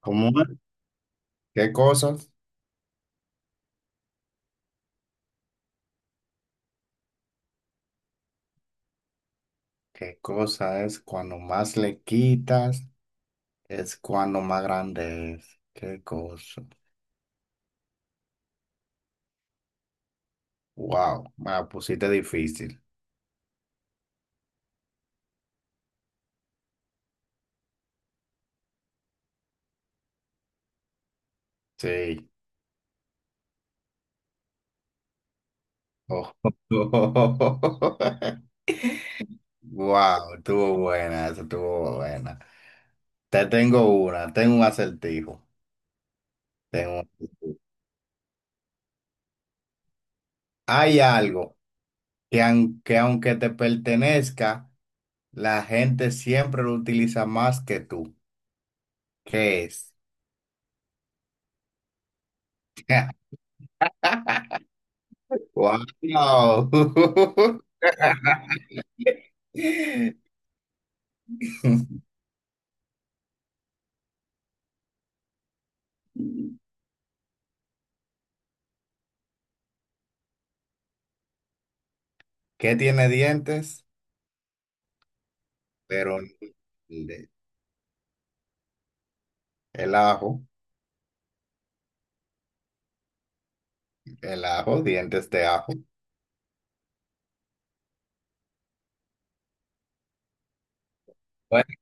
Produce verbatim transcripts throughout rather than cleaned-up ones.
¿Cómo es? ¿Qué cosas? ¿Qué cosa es cuando más le quitas? Es cuando más grande es. ¿Qué cosa? Wow, me la pusiste difícil. Sí. Oh. Wow, estuvo buena, eso estuvo buena. Te tengo una, tengo un acertijo. Tengo un acertijo. Hay algo que aunque, aunque te pertenezca, la gente siempre lo utiliza más que tú. ¿Qué es? ¡Wow! ¿Qué tiene dientes? Pero no de- el ajo, el ajo, dientes de ajo. Bueno,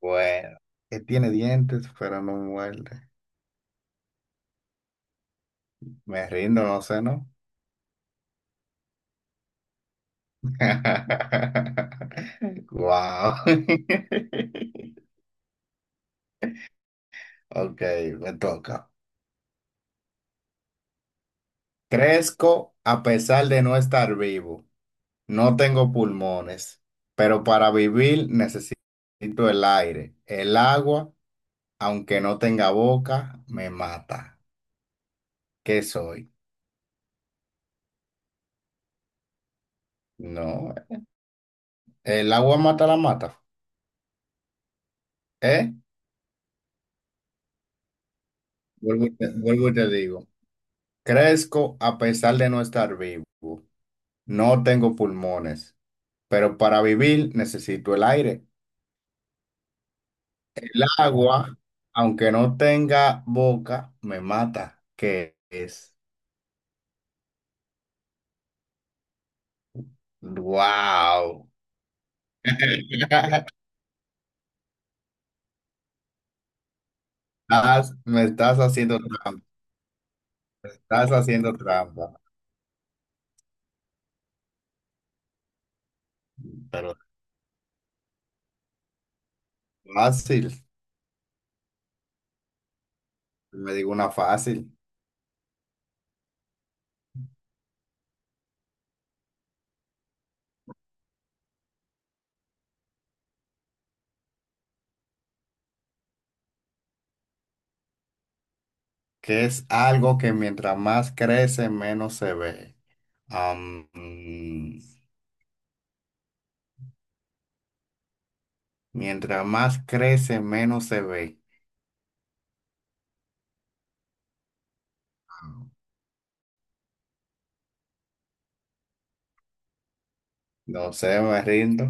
bueno. ¿Qué tiene dientes pero no muerde? Me rindo, no sé, ¿no? Wow. Ok, me toca. Crezco a pesar de no estar vivo. No tengo pulmones, pero para vivir necesito el aire. El agua, aunque no tenga boca, me mata. ¿Qué soy? No, el agua mata la mata. ¿Eh? Vuelvo y te, vuelvo y te digo. Crezco a pesar de no estar vivo. No tengo pulmones, pero para vivir necesito el aire. El agua, aunque no tenga boca, me mata. ¿Qué es? ¡Wow! Estás- me estás haciendo trampa, estás haciendo trampa. Pero fácil, me digo una fácil, que es algo que mientras más crece, menos se ve. Am, mm, mientras más crece, menos se ve. No sé, me rindo.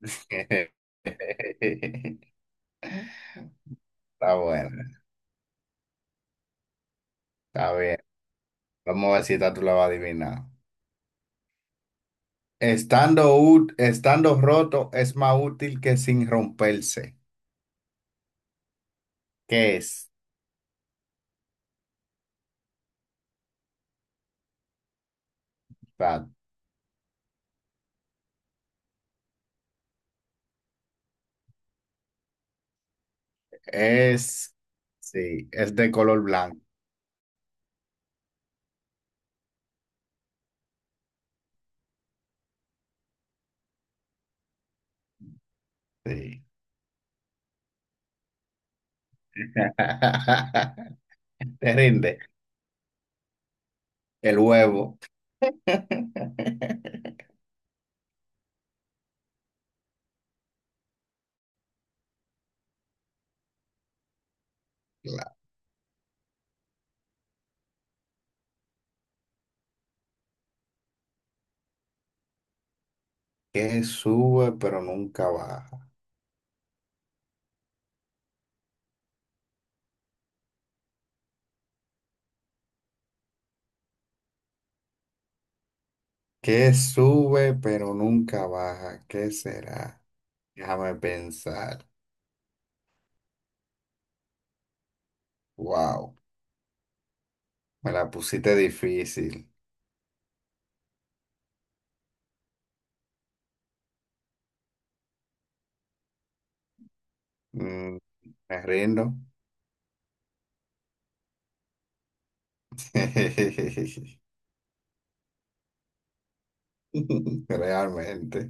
Está bueno, está bien. Vamos a ver si esta tú la vas a adivinar. Estando, ú- estando roto es más útil que sin romperse. ¿Qué es? Está Es, sí, es de color blanco. Sí. Te rinde. El huevo. Claro. Que sube pero nunca baja. Que sube pero nunca baja. ¿Qué será? Déjame pensar. Wow, me la pusiste difícil. Mm, me rindo. Realmente.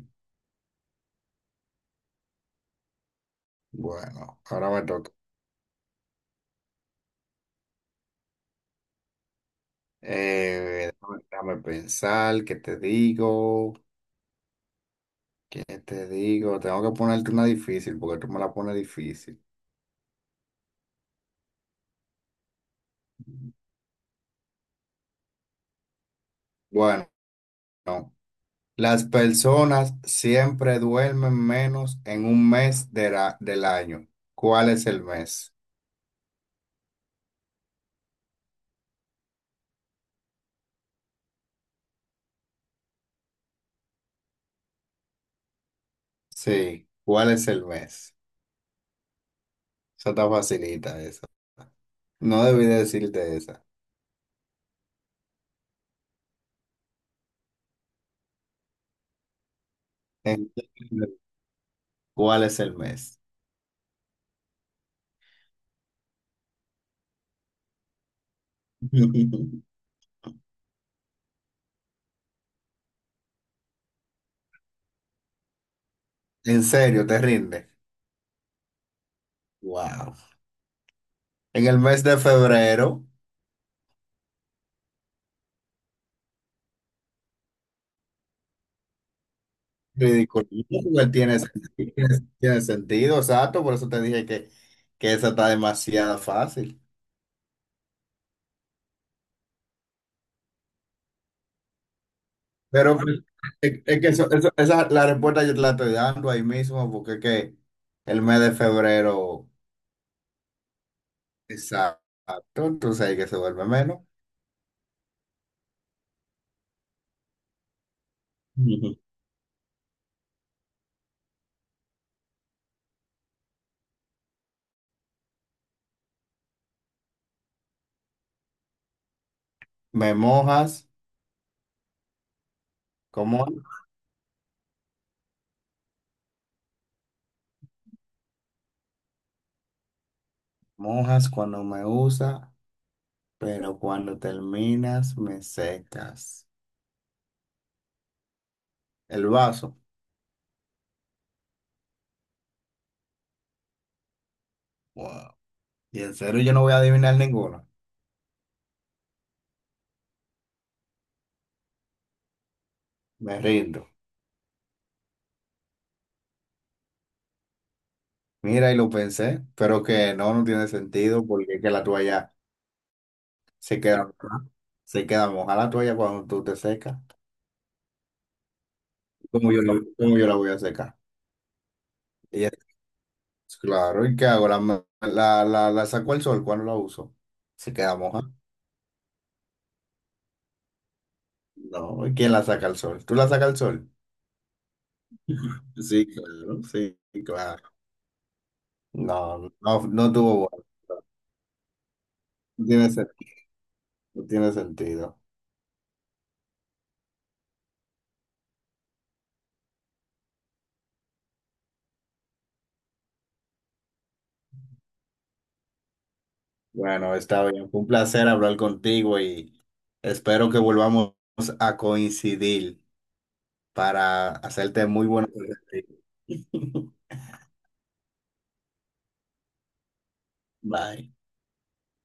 Bueno, ahora me toca. Eh, déjame, déjame pensar, ¿qué te digo? ¿Qué te digo? Tengo que ponerte una difícil porque tú me la pones difícil. Bueno, las personas siempre duermen menos en un mes de la- del año. ¿Cuál es el mes? Sí, ¿cuál es el mes? Eso está facilita, esa. No debí decirte esa. Entiende ¿cuál es el mes? ¿En serio, te rinde? Wow. En el mes de febrero. Ridiculito, igual tiene, sentido, tiene tiene sentido, exacto, por eso te dije que, que esa está demasiado fácil. Pero pues, es, es que eso- eso- esa, la respuesta yo te la estoy dando ahí mismo, porque es que el mes de febrero, exacto, entonces ahí que se vuelve menos. Ujú. Me mojas, como Mojas cuando me usa, pero cuando terminas me secas. El vaso, wow. Y en serio yo no voy a adivinar ninguno, me rindo. Mira, y lo pensé, pero que no, no tiene sentido porque es que la toalla se queda, mojada, se queda moja la toalla cuando tú te secas. ¿Cómo yo la, ¿cómo yo la voy a secar? Y es claro, ¿y qué hago? ¿La, ma- la, la, la saco al sol cuando la uso? ¿Se queda moja? No, ¿y quién la saca al sol? ¿Tú la sacas al sol? Sí, claro, sí, claro. No, no, no tuvo bueno. No tiene, sen- no tiene sentido. Bueno, está bien. Fue un placer hablar contigo y espero que volvamos a coincidir. Para hacerte muy buena. Bye.